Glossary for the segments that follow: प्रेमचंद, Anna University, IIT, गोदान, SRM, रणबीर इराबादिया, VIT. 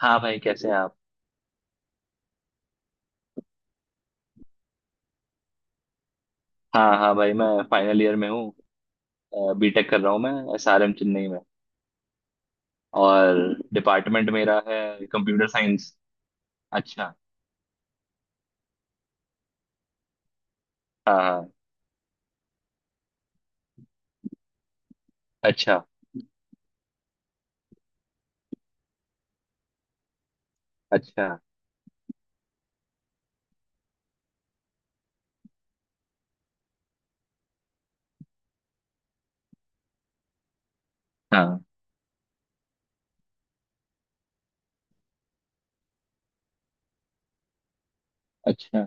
हाँ भाई, कैसे हैं आप। हाँ हाँ भाई, मैं फाइनल ईयर में हूँ। बीटेक कर रहा हूँ, मैं एसआरएम चेन्नई में। और डिपार्टमेंट मेरा है कंप्यूटर साइंस। अच्छा। हाँ हाँ, अच्छा अच्छा। हाँ, अच्छा।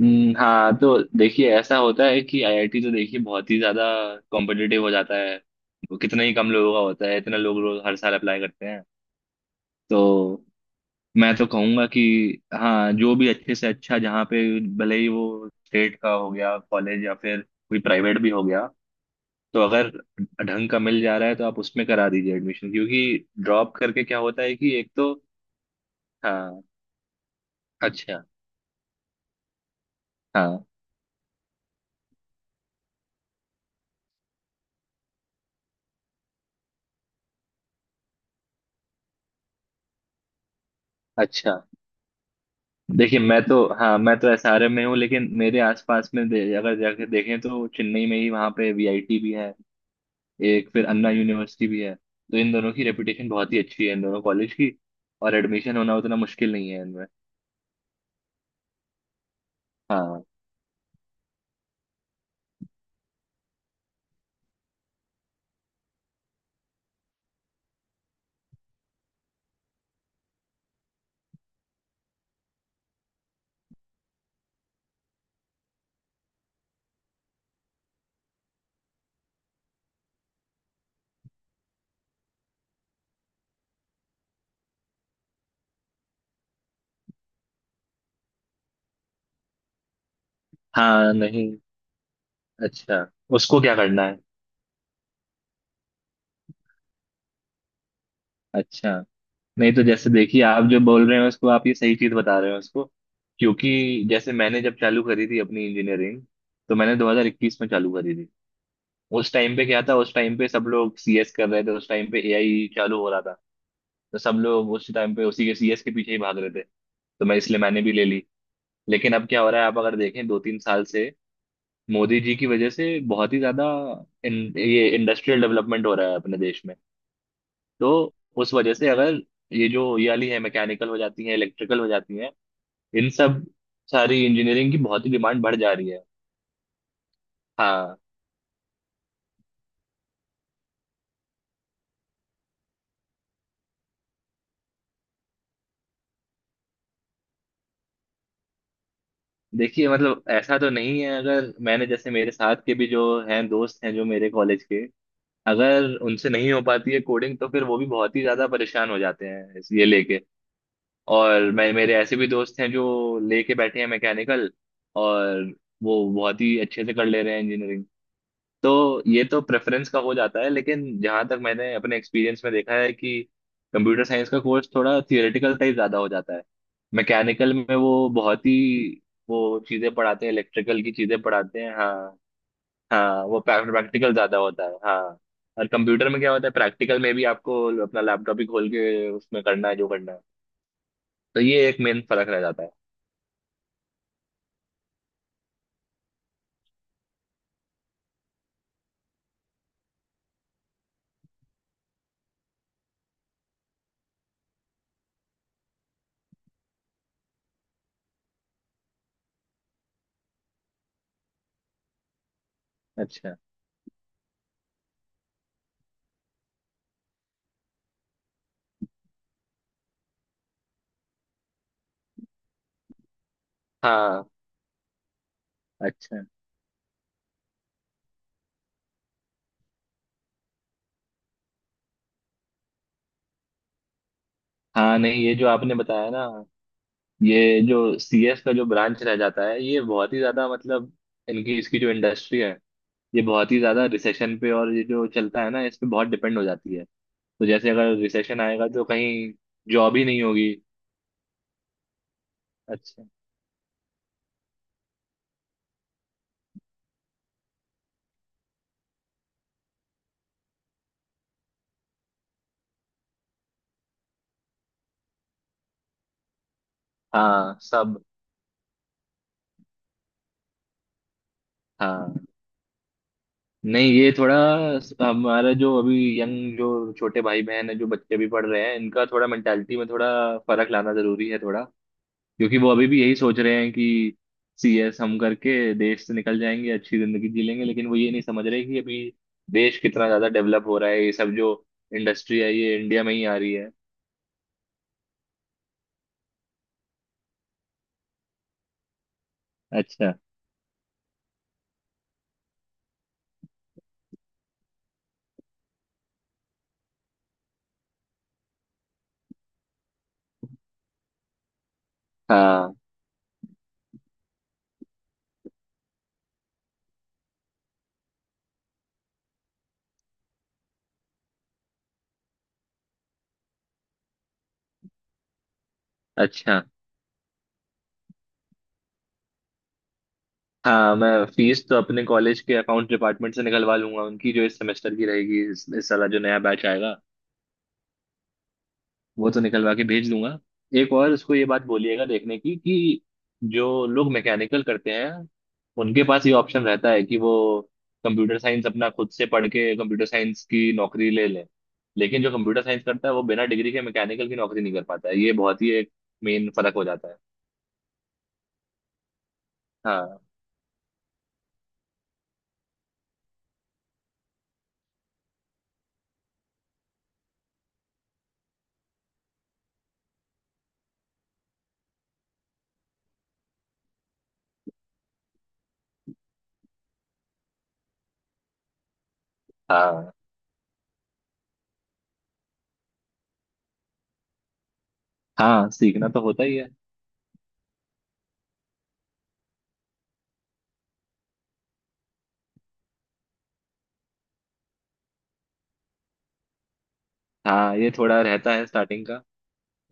हाँ, तो देखिए ऐसा होता है कि आईआईटी तो देखिए बहुत ही ज़्यादा कॉम्पिटिटिव हो जाता है। वो कितना ही कम लोगों का होता है, इतना लोग रोज हर साल अप्लाई करते हैं। तो मैं तो कहूंगा कि हाँ, जो भी अच्छे से अच्छा जहाँ पे, भले ही वो स्टेट का हो गया कॉलेज या फिर कोई प्राइवेट भी हो गया, तो अगर ढंग का मिल जा रहा है तो आप उसमें करा दीजिए एडमिशन, क्योंकि ड्रॉप करके क्या होता है कि एक तो। हाँ। अच्छा। हाँ, अच्छा। देखिए, मैं तो हाँ मैं तो एसआरएम में हूँ, लेकिन मेरे आसपास में अगर जाके देखें तो चेन्नई में ही वहाँ पे वीआईटी भी है। एक फिर अन्ना यूनिवर्सिटी भी है, तो इन दोनों की रेपुटेशन बहुत ही अच्छी है, इन दोनों कॉलेज की। और एडमिशन होना उतना मुश्किल नहीं है इनमें। हाँ हाँ नहीं। अच्छा, उसको क्या करना है। अच्छा, नहीं तो जैसे देखिए, आप जो बोल रहे हैं उसको, आप ये सही चीज बता रहे हैं उसको। क्योंकि जैसे मैंने जब चालू करी थी अपनी इंजीनियरिंग, तो मैंने 2021 में चालू करी थी। उस टाइम पे क्या था, उस टाइम पे सब लोग सीएस कर रहे थे, उस टाइम पे एआई चालू हो रहा था। तो सब लोग उस टाइम पे उसी के सीएस के पीछे ही भाग रहे थे। तो मैं, इसलिए मैंने भी ले ली। लेकिन अब क्या हो रहा है, आप अगर देखें दो तीन साल से मोदी जी की वजह से बहुत ही ज्यादा ये इंडस्ट्रियल डेवलपमेंट हो रहा है अपने देश में। तो उस वजह से, अगर ये जो ये वाली है मैकेनिकल हो जाती है, इलेक्ट्रिकल हो जाती है, इन सब सारी इंजीनियरिंग की बहुत ही डिमांड बढ़ जा रही है। हाँ। देखिए मतलब ऐसा तो नहीं है, अगर मैंने जैसे मेरे साथ के भी जो हैं दोस्त हैं जो मेरे कॉलेज के, अगर उनसे नहीं हो पाती है कोडिंग तो फिर वो भी बहुत ही ज्यादा परेशान हो जाते हैं इस ये लेके। और मैं, मेरे ऐसे भी दोस्त हैं जो लेके बैठे हैं मैकेनिकल, और वो बहुत ही अच्छे से कर ले रहे हैं इंजीनियरिंग। तो ये तो प्रेफरेंस का हो जाता है, लेकिन जहां तक मैंने अपने एक्सपीरियंस में देखा है कि कंप्यूटर साइंस का कोर्स थोड़ा थियोरेटिकल टाइप ज्यादा हो जाता है। मैकेनिकल में वो बहुत ही वो चीजें पढ़ाते हैं, इलेक्ट्रिकल की चीजें पढ़ाते हैं। हाँ। हाँ, वो प्रैक्टिकल ज्यादा होता है। हाँ। और कंप्यूटर में क्या होता है, प्रैक्टिकल में भी आपको अपना लैपटॉप ही खोल के उसमें करना है जो करना है। तो ये एक मेन फर्क रह जाता है। अच्छा। हाँ, अच्छा। हाँ नहीं, ये जो आपने बताया ना, ये जो सीएस का जो ब्रांच रह जाता है, ये बहुत ही ज्यादा मतलब इनकी इसकी जो इंडस्ट्री है, ये बहुत ही ज्यादा रिसेशन पे और ये जो चलता है ना इस पे बहुत डिपेंड हो जाती है। तो जैसे अगर रिसेशन आएगा तो कहीं जॉब ही नहीं होगी। अच्छा। हाँ सब। हाँ नहीं, ये थोड़ा हमारा जो अभी यंग जो छोटे भाई बहन है, जो बच्चे भी पढ़ रहे हैं, इनका थोड़ा मेंटालिटी में थोड़ा फर्क लाना जरूरी है थोड़ा। क्योंकि वो अभी भी यही सोच रहे हैं कि सीएस हम करके देश से निकल जाएंगे, अच्छी जिंदगी जी लेंगे। लेकिन वो ये नहीं समझ रहे कि अभी देश कितना ज्यादा डेवलप हो रहा है, ये सब जो इंडस्ट्री है ये इंडिया में ही आ रही है। अच्छा। हाँ, अच्छा। हाँ मैं, फीस तो अपने कॉलेज के अकाउंट डिपार्टमेंट से निकलवा लूंगा, उनकी जो इस सेमेस्टर की रहेगी, इस साल जो नया बैच आएगा, वो तो निकलवा के भेज दूंगा। एक और उसको ये बात बोलिएगा देखने की कि जो लोग मैकेनिकल करते हैं, उनके पास ये ऑप्शन रहता है कि वो कंप्यूटर साइंस अपना खुद से पढ़ के कंप्यूटर साइंस की नौकरी ले लें। लेकिन जो कंप्यूटर साइंस करता है, वो बिना डिग्री के मैकेनिकल की नौकरी नहीं कर पाता है। ये बहुत ही एक मेन फर्क हो जाता है। हाँ। हाँ, हाँ, सीखना तो होता ही है। हाँ, ये थोड़ा रहता है स्टार्टिंग का,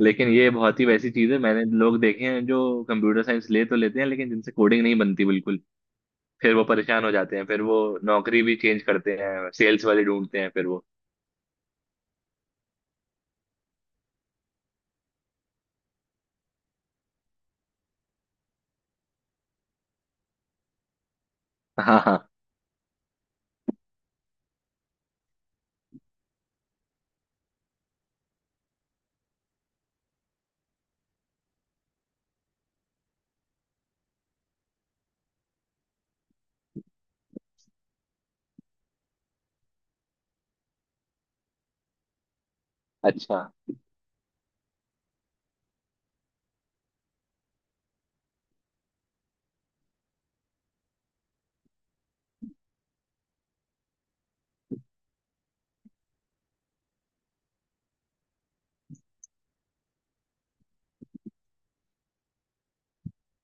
लेकिन ये बहुत ही वैसी चीज है। मैंने लोग देखे हैं जो कंप्यूटर साइंस ले तो लेते हैं, लेकिन जिनसे कोडिंग नहीं बनती बिल्कुल, फिर वो परेशान हो जाते हैं, फिर वो नौकरी भी चेंज करते हैं, सेल्स वाले ढूंढते हैं, फिर वो। हाँ हाँ। अच्छा।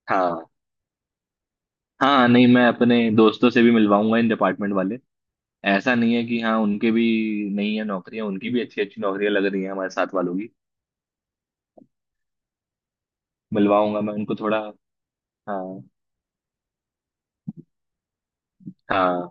हाँ हाँ नहीं, मैं अपने दोस्तों से भी मिलवाऊंगा इन डिपार्टमेंट वाले। ऐसा नहीं है कि हाँ, उनके भी नहीं है नौकरियां, उनकी भी अच्छी अच्छी नौकरियां लग रही हैं, हमारे साथ वालों की। मिलवाऊंगा मैं उनको थोड़ा। हाँ हाँ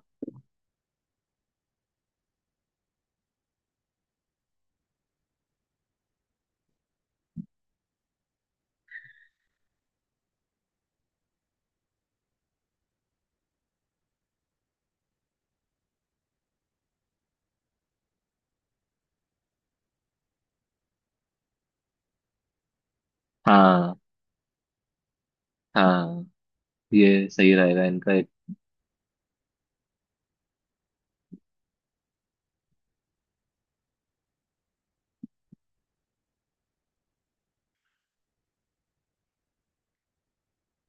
हाँ हाँ। ये सही रहेगा इनका एक।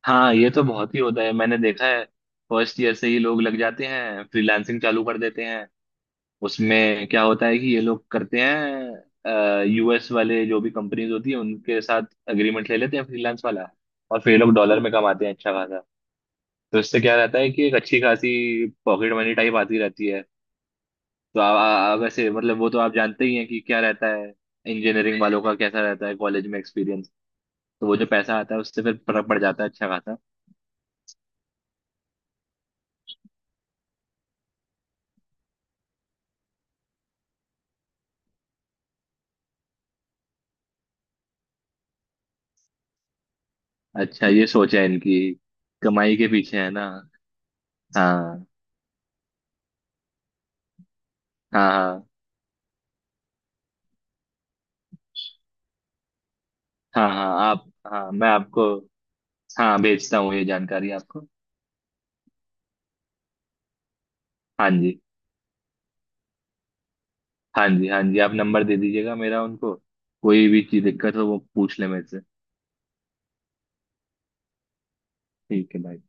हाँ, ये तो बहुत ही होता है, मैंने देखा है। फर्स्ट ईयर से ही लोग लग जाते हैं, फ्रीलांसिंग चालू कर देते हैं। उसमें क्या होता है कि ये लोग करते हैं, यूएस वाले जो भी कंपनीज होती है उनके साथ एग्रीमेंट ले लेते हैं फ्रीलांस वाला, और फिर ये लोग डॉलर में कमाते हैं अच्छा खासा। तो इससे क्या रहता है कि एक अच्छी खासी पॉकेट मनी टाइप आती रहती है। तो आ, आ, वैसे मतलब वो तो आप जानते ही हैं कि क्या रहता है, इंजीनियरिंग वालों का कैसा रहता है कॉलेज में एक्सपीरियंस। तो वो जो पैसा आता है, उससे फिर फर्क पड़ जाता है अच्छा खासा। अच्छा, ये सोच है इनकी, कमाई के पीछे है ना। हाँ। हाँ हाँ हाँ हाँ आप, हाँ मैं आपको, हाँ बेचता हूँ ये जानकारी आपको। हाँ जी। हाँ जी, हाँ जी, आप नंबर दे दीजिएगा मेरा उनको, कोई भी चीज दिक्कत हो वो पूछ ले मेरे से। ठीक है भाई।